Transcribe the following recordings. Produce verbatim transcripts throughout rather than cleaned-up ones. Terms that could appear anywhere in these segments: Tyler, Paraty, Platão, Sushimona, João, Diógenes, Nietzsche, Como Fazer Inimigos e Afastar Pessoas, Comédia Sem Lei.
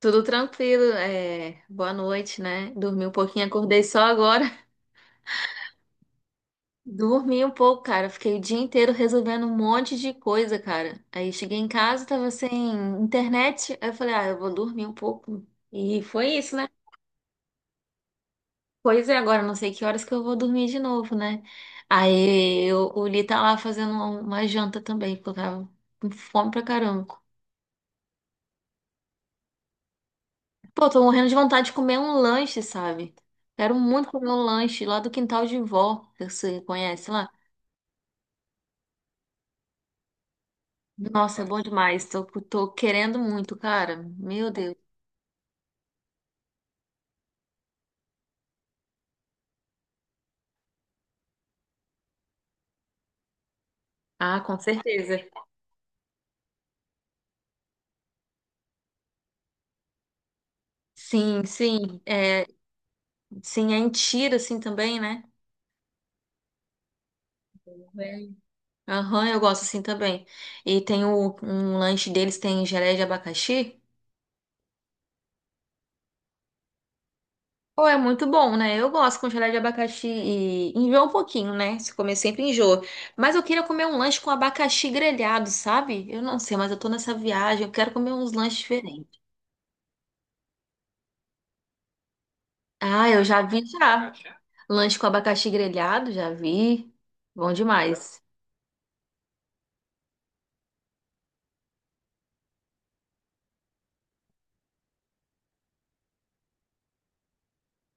Tudo tranquilo, é... boa noite, né? Dormi um pouquinho, acordei só agora. Dormi um pouco, cara. Fiquei o dia inteiro resolvendo um monte de coisa, cara. Aí cheguei em casa, tava sem internet. Aí eu falei, ah, eu vou dormir um pouco. E foi isso, né? Pois é, agora não sei que horas que eu vou dormir de novo, né? Aí eu, o Li tá lá fazendo uma janta também, porque eu tava com fome pra caramba. Pô, tô morrendo de vontade de comer um lanche, sabe? Quero muito comer um lanche lá do quintal de vó, que você conhece lá. Nossa, é bom demais. Tô, tô querendo muito, cara. Meu Deus. Ah, com certeza. Sim, sim. É, sim, é em Tira, assim, também, né? Bem. Aham, eu gosto assim também. E tem o, um lanche deles, tem geleia de abacaxi. Pô, é muito bom, né? Eu gosto com gelé de abacaxi e enjoa um pouquinho, né? Se comer sempre enjoa. Mas eu queria comer um lanche com abacaxi grelhado, sabe? Eu não sei, mas eu tô nessa viagem, eu quero comer uns lanches diferentes. Ah, eu já vi já. Lanche com abacaxi grelhado, já vi. Bom demais.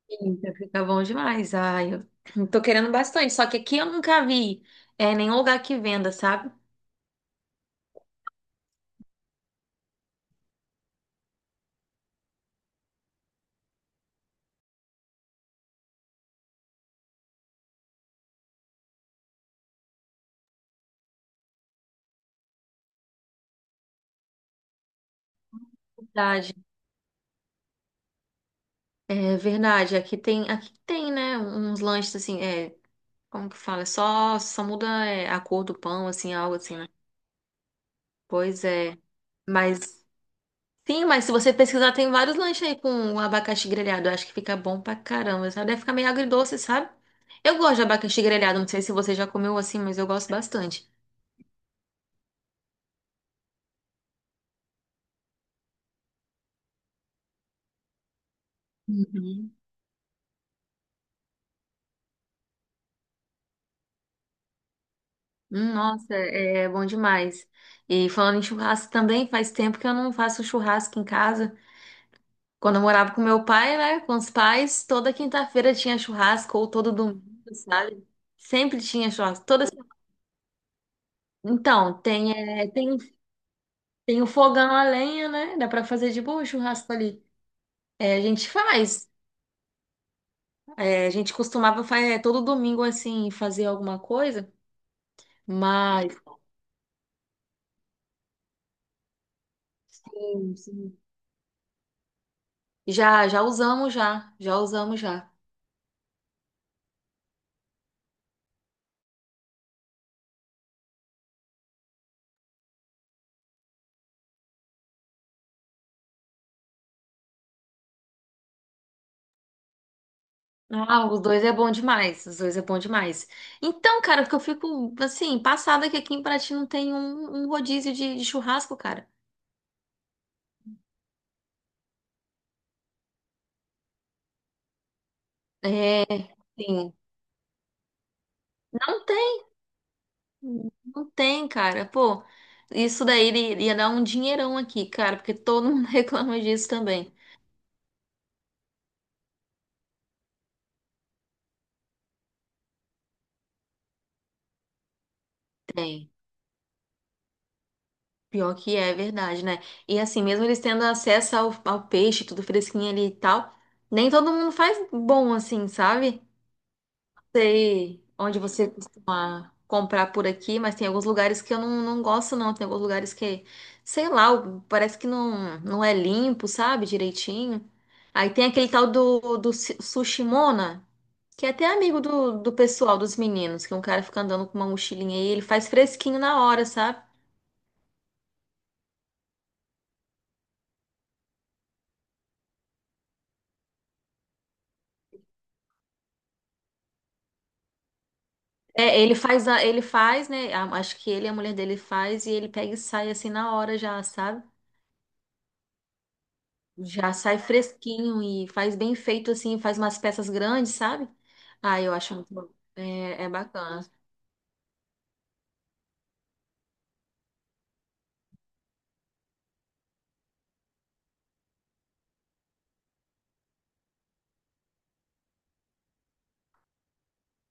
Eita, fica bom demais. Ai, eu tô querendo bastante. Só que aqui eu nunca vi, é, nenhum lugar que venda, sabe? Verdade. É verdade. Aqui tem, aqui tem, né? Uns lanches assim, é. Como que fala? É Só, só muda é, a cor do pão, assim, algo assim, né? Pois é. Mas, sim, mas se você pesquisar, tem vários lanches aí com um abacaxi grelhado. Eu acho que fica bom pra caramba, sabe? Deve ficar meio agridoce, sabe? Eu gosto de abacaxi grelhado. Não sei se você já comeu assim, mas eu gosto bastante. Uhum. Hum, Nossa, é é bom demais. E falando em churrasco também, faz tempo que eu não faço churrasco em casa. Quando eu morava com meu pai, né? Com os pais, toda quinta-feira tinha churrasco, ou todo domingo, sabe? Sempre tinha churrasco. Toda... Então, tem, é, tem, tem o fogão a lenha, né? Dá pra fazer de boa o churrasco ali. É, a gente faz. É, a gente costumava fazer todo domingo, assim, fazer alguma coisa, mas sim, sim. Já, já usamos já. Já usamos já. Ah, os dois é bom demais. Os dois é bom demais. Então, cara, porque eu fico assim, passada que aqui em Paraty não tem um, um rodízio de, de churrasco, cara. É, sim. Não tem, não tem, cara. Pô, isso daí ele- ia dar um dinheirão aqui, cara, porque todo mundo reclama disso também. Tem. Pior que é, é verdade, né? E assim, mesmo eles tendo acesso ao, ao peixe, tudo fresquinho ali e tal, nem todo mundo faz bom assim, sabe? Sei onde você comprar por aqui, mas tem alguns lugares que eu não, não gosto, não. Tem alguns lugares que, sei lá, o- parece que não, não é limpo, sabe, direitinho. Aí tem aquele tal do, do Su- Sushimona, que é até amigo do, do pessoal, dos meninos, que um cara fica andando com uma mochilinha e ele faz fresquinho na hora, sabe? É, ele faz, a- ele faz, né? a- Acho que ele, e a mulher dele faz e ele pega e sai assim na hora já, sabe? Já sai fresquinho e faz bem feito assim, faz umas peças grandes, sabe? Ah, eu acho muito bom. É, é bacana.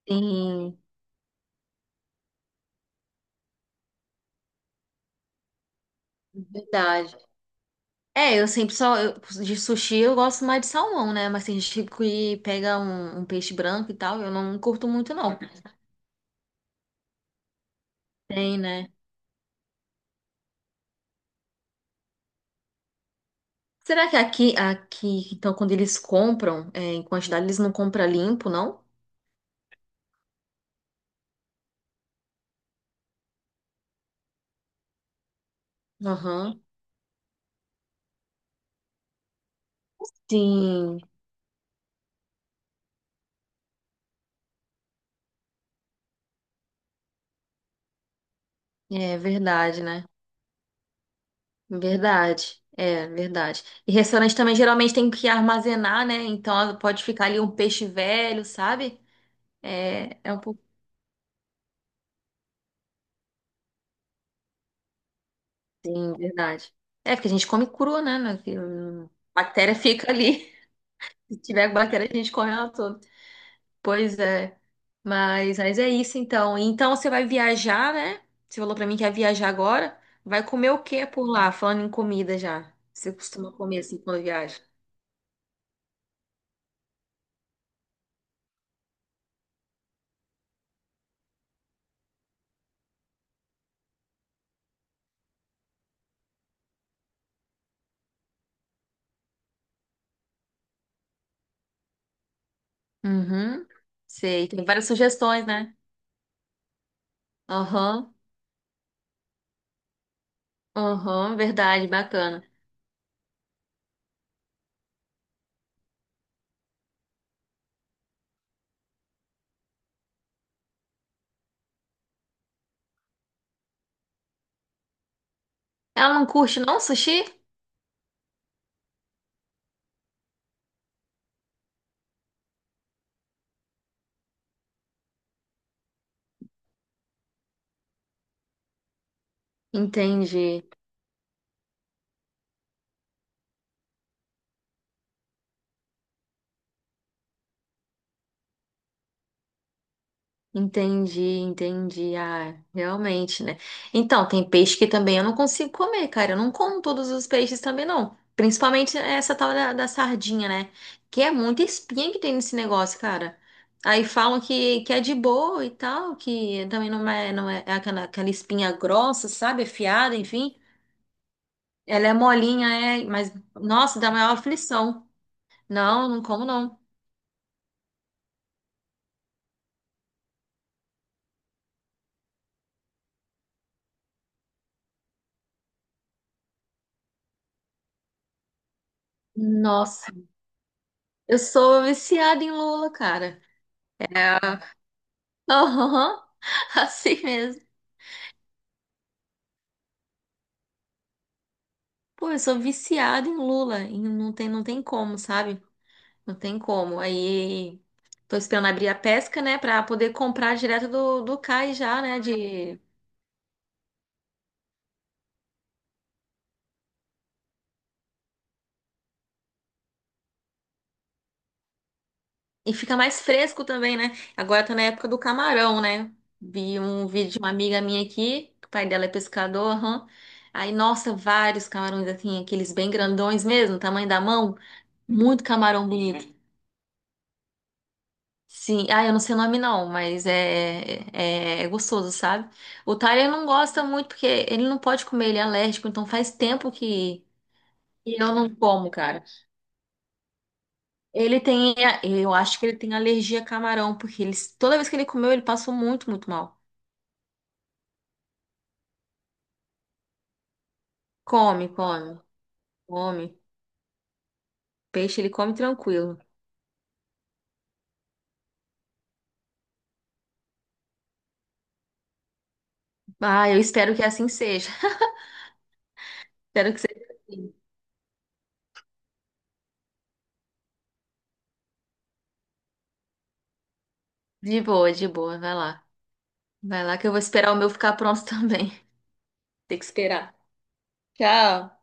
Sim, verdade. É, eu sempre só. Eu- de sushi eu gosto mais de salmão, né? Mas tem gente que pega um, um peixe branco e tal, eu não curto muito, não. Tem, né? Será que aqui, aqui, então, quando eles compram, é, em quantidade, eles não compram limpo, não? Aham. Sim, é verdade, né? Verdade, é verdade. E restaurante também geralmente tem que armazenar, né? Então ela pode ficar ali um peixe velho, sabe? É, é um pouco. Sim, verdade. É, porque a gente come cru, né? né, que, hum, bactéria fica ali. Se tiver bactéria, a gente come ela toda. Pois é. Mas, mas é isso então. Então você vai viajar, né? Você falou pra mim que ia viajar agora. Vai comer o que por lá? Falando em comida já. Você costuma comer assim quando viaja? Uhum. Sei. Tem várias sugestões, né? Aham, aham, verdade, bacana. Ela não curte não sushi? Entendi, entendi, entendi. Ah, realmente, né? Então, tem peixe que também eu não consigo comer, cara. Eu não como todos os peixes também, não. Principalmente essa tal da, da sardinha, né? Que é muita espinha que tem nesse negócio, cara. Aí falam que, que é de boa e tal, que também não é, não é, é aquela, aquela espinha grossa, sabe? Afiada, enfim. Ela é molinha, é, mas, nossa, dá maior aflição. Não, não como não. Nossa, eu sou viciada em lula, cara. É. Aham, assim mesmo. Pô, eu sou viciada em lula e não tem, não tem como, sabe? Não tem como. Aí tô esperando abrir a pesca, né, pra poder comprar direto do, do cais já, né, de E fica mais fresco também, né? Agora tá na época do camarão, né? Vi um vídeo de uma amiga minha aqui, que o pai dela é pescador, aham. Aí, nossa, vários camarões, assim, aqueles bem grandões mesmo, tamanho da mão. Muito camarão bonito. Sim, ah, eu não sei o nome não, mas é, é, é gostoso, sabe? O Tyler não gosta muito porque ele não pode comer, ele é alérgico, então faz tempo que que eu não como, cara. Ele tem, eu acho que ele tem alergia a camarão, porque ele, toda vez que ele comeu, ele passou muito, muito mal. Come, come, come. Peixe ele come tranquilo. Ah, eu espero que assim seja. Espero que seja assim. De boa, de boa. Vai lá. Vai lá que eu vou esperar o meu ficar pronto também. Tem que esperar. Tchau.